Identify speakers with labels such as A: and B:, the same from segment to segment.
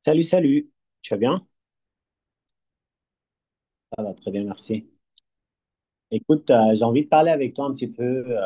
A: Salut, salut. Tu vas bien? Ça va très bien, merci. Écoute, j'ai envie de parler avec toi un petit peu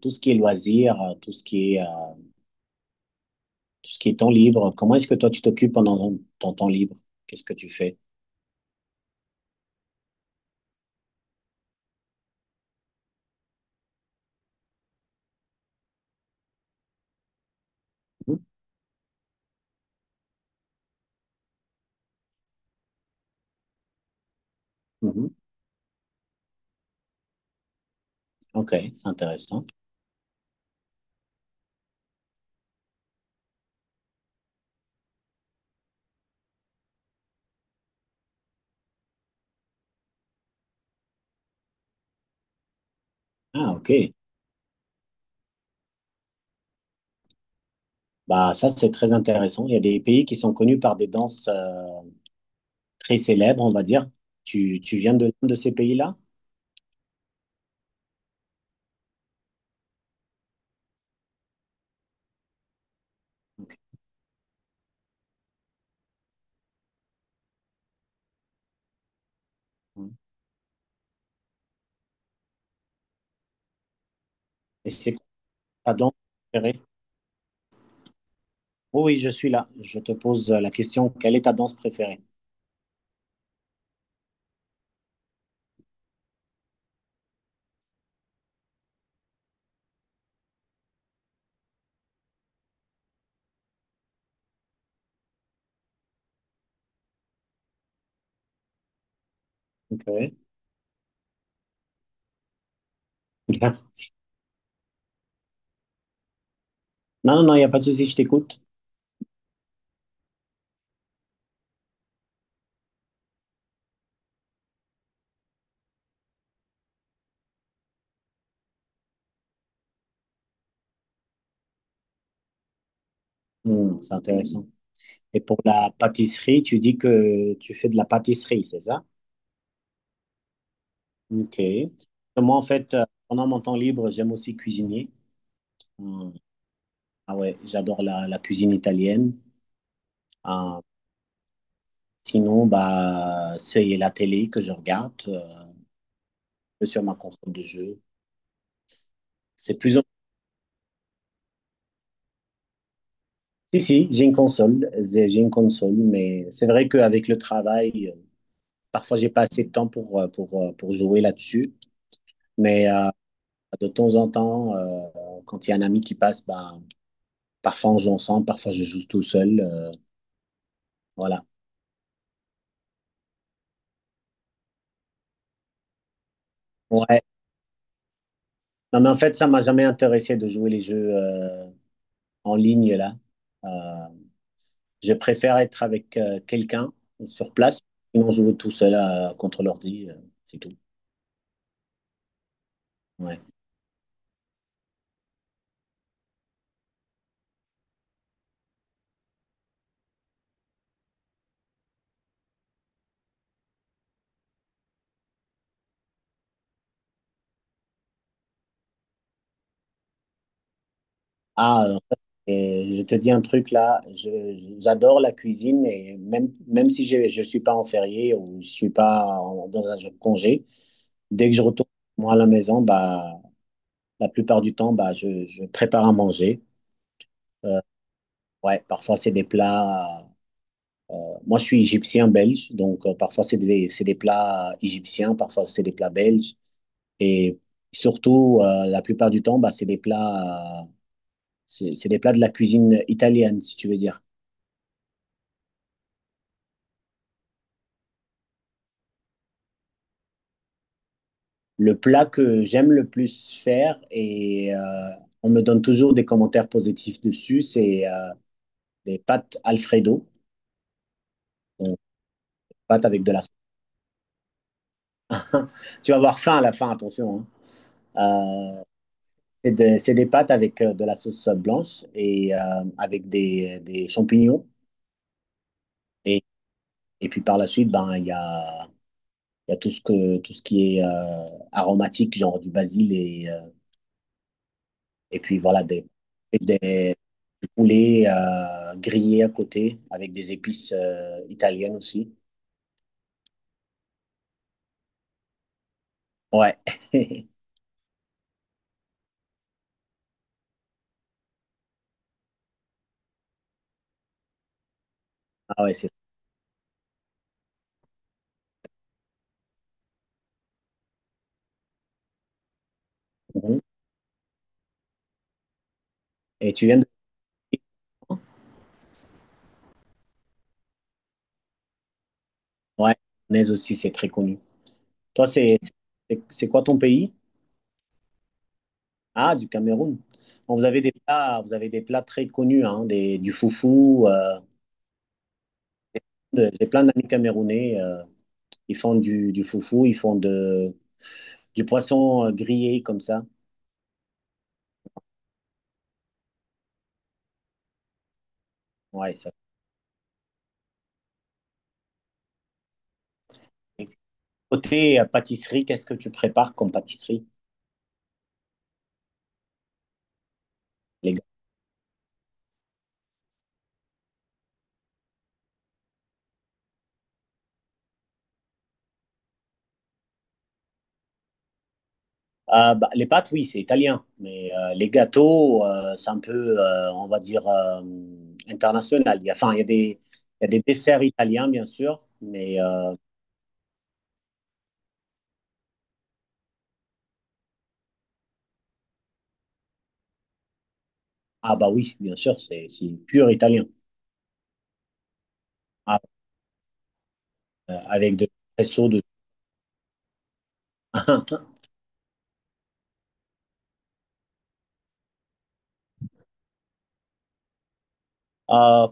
A: tout ce qui est loisirs, tout ce qui est, tout ce qui est temps libre. Comment est-ce que toi, tu t'occupes pendant ton temps libre? Qu'est-ce que tu fais? Mhm, mhm. Ok, c'est intéressant. Ah, ok. Bah, ça, c'est très intéressant. Il y a des pays qui sont connus par des danses très célèbres, on va dire. Tu viens de l'un de ces pays-là? Ok. Et c'est quoi ta danse préférée? Oh oui, je suis là. Je te pose la question, quelle est ta danse préférée? Ok. Bien. Non, non, non, il n'y a pas de souci, je t'écoute. Hmm, c'est intéressant. Et pour la pâtisserie, tu dis que tu fais de la pâtisserie, c'est ça? Ok. Moi, en fait, pendant mon temps libre, j'aime aussi cuisiner. Hmm. Ah ouais, j'adore la cuisine italienne. Ah, sinon, bah, c'est la télé que je regarde sur ma console de jeu. C'est plus en- Si, si, j'ai une console, j'ai une console, mais c'est vrai qu'avec le travail, parfois j'ai pas assez de temps pour jouer là-dessus. Mais de temps en temps, quand il y a un ami qui passe, bah, parfois on joue ensemble, parfois je joue tout seul. Voilà. Ouais. Non, mais en fait, ça m'a jamais intéressé de jouer les jeux en ligne là. Euh, Je préfère être avec quelqu'un sur place, sinon jouer tout seul contre l'ordi, c'est tout. Ouais. Ah, et je te dis un truc là, j'adore la cuisine et même, même si je ne suis pas en férié ou je suis pas en- dans un jour de congé, dès que je retourne moi à la maison, bah, la plupart du temps, bah, je prépare à manger. Euh, ouais, parfois c'est des plats. Moi, je suis égyptien-belge, donc parfois c'est des plats égyptiens, parfois c'est des plats belges. Et surtout, la plupart du temps, bah, c'est des plats de la cuisine italienne, si tu veux dire. Le plat que j'aime le plus faire, et on me donne toujours des commentaires positifs dessus, c'est des pâtes Alfredo, donc pâtes avec de la... Tu vas avoir faim à la fin, attention, hein. Euh, c'est des pâtes avec de la sauce blanche et avec des champignons. Et, et puis par la suite, ben, il y a tout ce qui est aromatique, genre du basil et et puis voilà, des poulets grillés à côté avec des épices italiennes aussi. Ouais. Ah ouais, c'est très bon. Et tu viens de... Ouais, mais aussi, c'est très connu. Toi, c'est quoi ton pays? Ah, du Cameroun. Bon, vous avez des plats, vous avez des plats très connus, hein, du foufou. J'ai plein d'amis camerounais. Ils font du foufou, du poisson grillé comme ça. Ouais, ça. Côté pâtisserie, qu'est-ce que tu prépares comme pâtisserie, les gars? Ah, bah, les pâtes, oui, c'est italien. Mais les gâteaux, c'est un peu, on va dire, international. Il y a, enfin, il y a des desserts italiens, bien sûr. Mais, ah bah oui, bien sûr, c'est pur italien. Avec de presso dessus. Euh,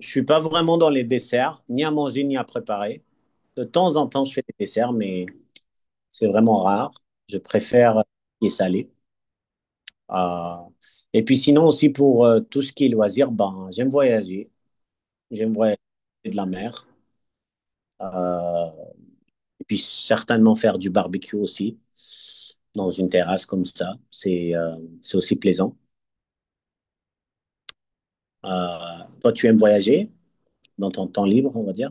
A: je suis pas vraiment dans les desserts, ni à manger ni à préparer. De temps en temps, je fais des desserts, mais c'est vraiment rare. Je préfère les salés. Euh, et puis sinon aussi pour tout ce qui est loisirs, ben, j'aime voyager. J'aime voyager de la mer. Euh, et puis certainement faire du barbecue aussi dans une terrasse comme ça. C'est aussi plaisant. Toi, tu aimes voyager dans ton temps libre, on va dire?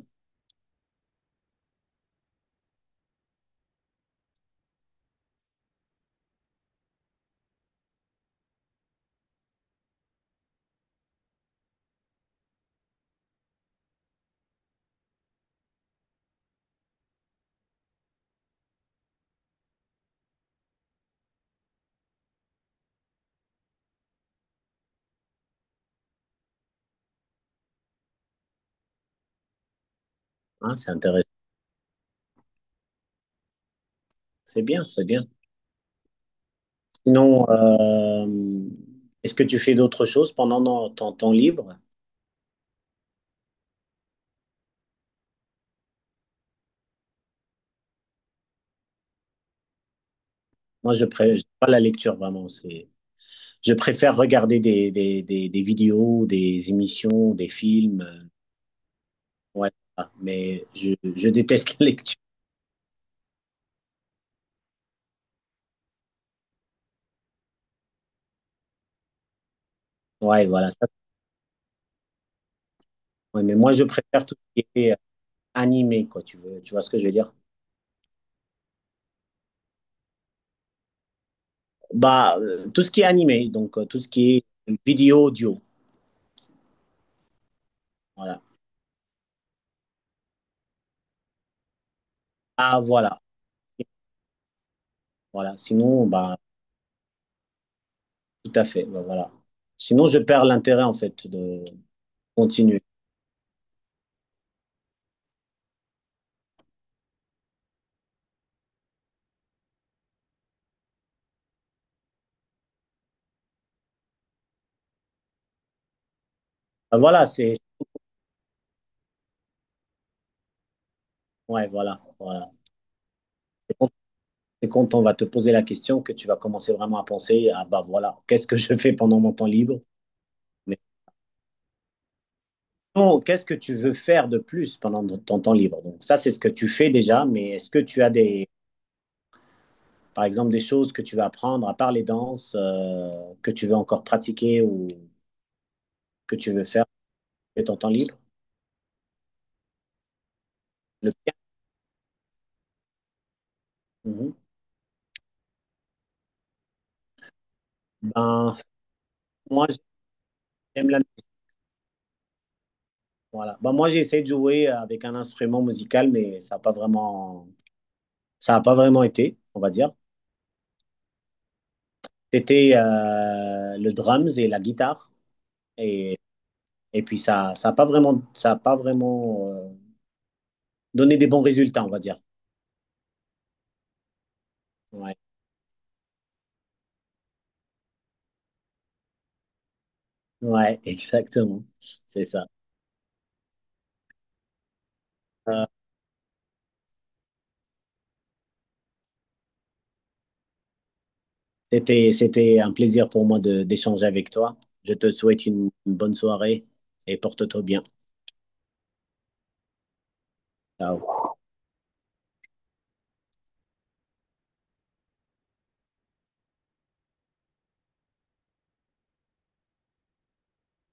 A: Ah, c'est intéressant. C'est bien, c'est bien. Sinon, est-ce que tu fais d'autres choses pendant ton temps libre? Moi, pas la lecture vraiment. C'est, je préfère regarder des vidéos, des émissions, des films. Ouais, voilà. Mais je déteste la lecture. Ouais, voilà. Ça, ouais, mais moi, je préfère tout ce qui est animé, quoi. Tu vois ce que je veux dire? Bah, tout ce qui est animé, donc tout ce qui est vidéo, audio. Voilà. Ah, voilà. Voilà. Sinon, bah. Tout à fait, ben voilà. Sinon, je perds l'intérêt, en fait, de continuer. Ben voilà, c'est... Ouais, voilà, voilà. C'est quand, c'est quand on va te poser la question que tu vas commencer vraiment à penser, à. Bah voilà, qu'est-ce que je fais pendant mon temps libre? Mais non, qu'est-ce que tu veux faire de plus pendant ton temps libre? Donc ça, c'est ce que tu fais déjà, mais est-ce que tu as par exemple, des choses que tu veux apprendre à part les danses, que tu veux encore pratiquer ou que tu veux faire de ton temps libre? Le piano, mhm. Ben, moi, j'aime la Voilà. Bah, moi, j'ai essayé de jouer avec un instrument musical, mais ça a pas vraiment été, on va dire. C'était le drums et la guitare. Et, et puis, ça n'a pas vraiment, ça a pas vraiment donné des bons résultats, on va dire. Ouais, ouais, exactement. C'est ça. C'était un plaisir pour moi d'échanger avec toi. Je te souhaite une bonne soirée et porte-toi bien. Ciao.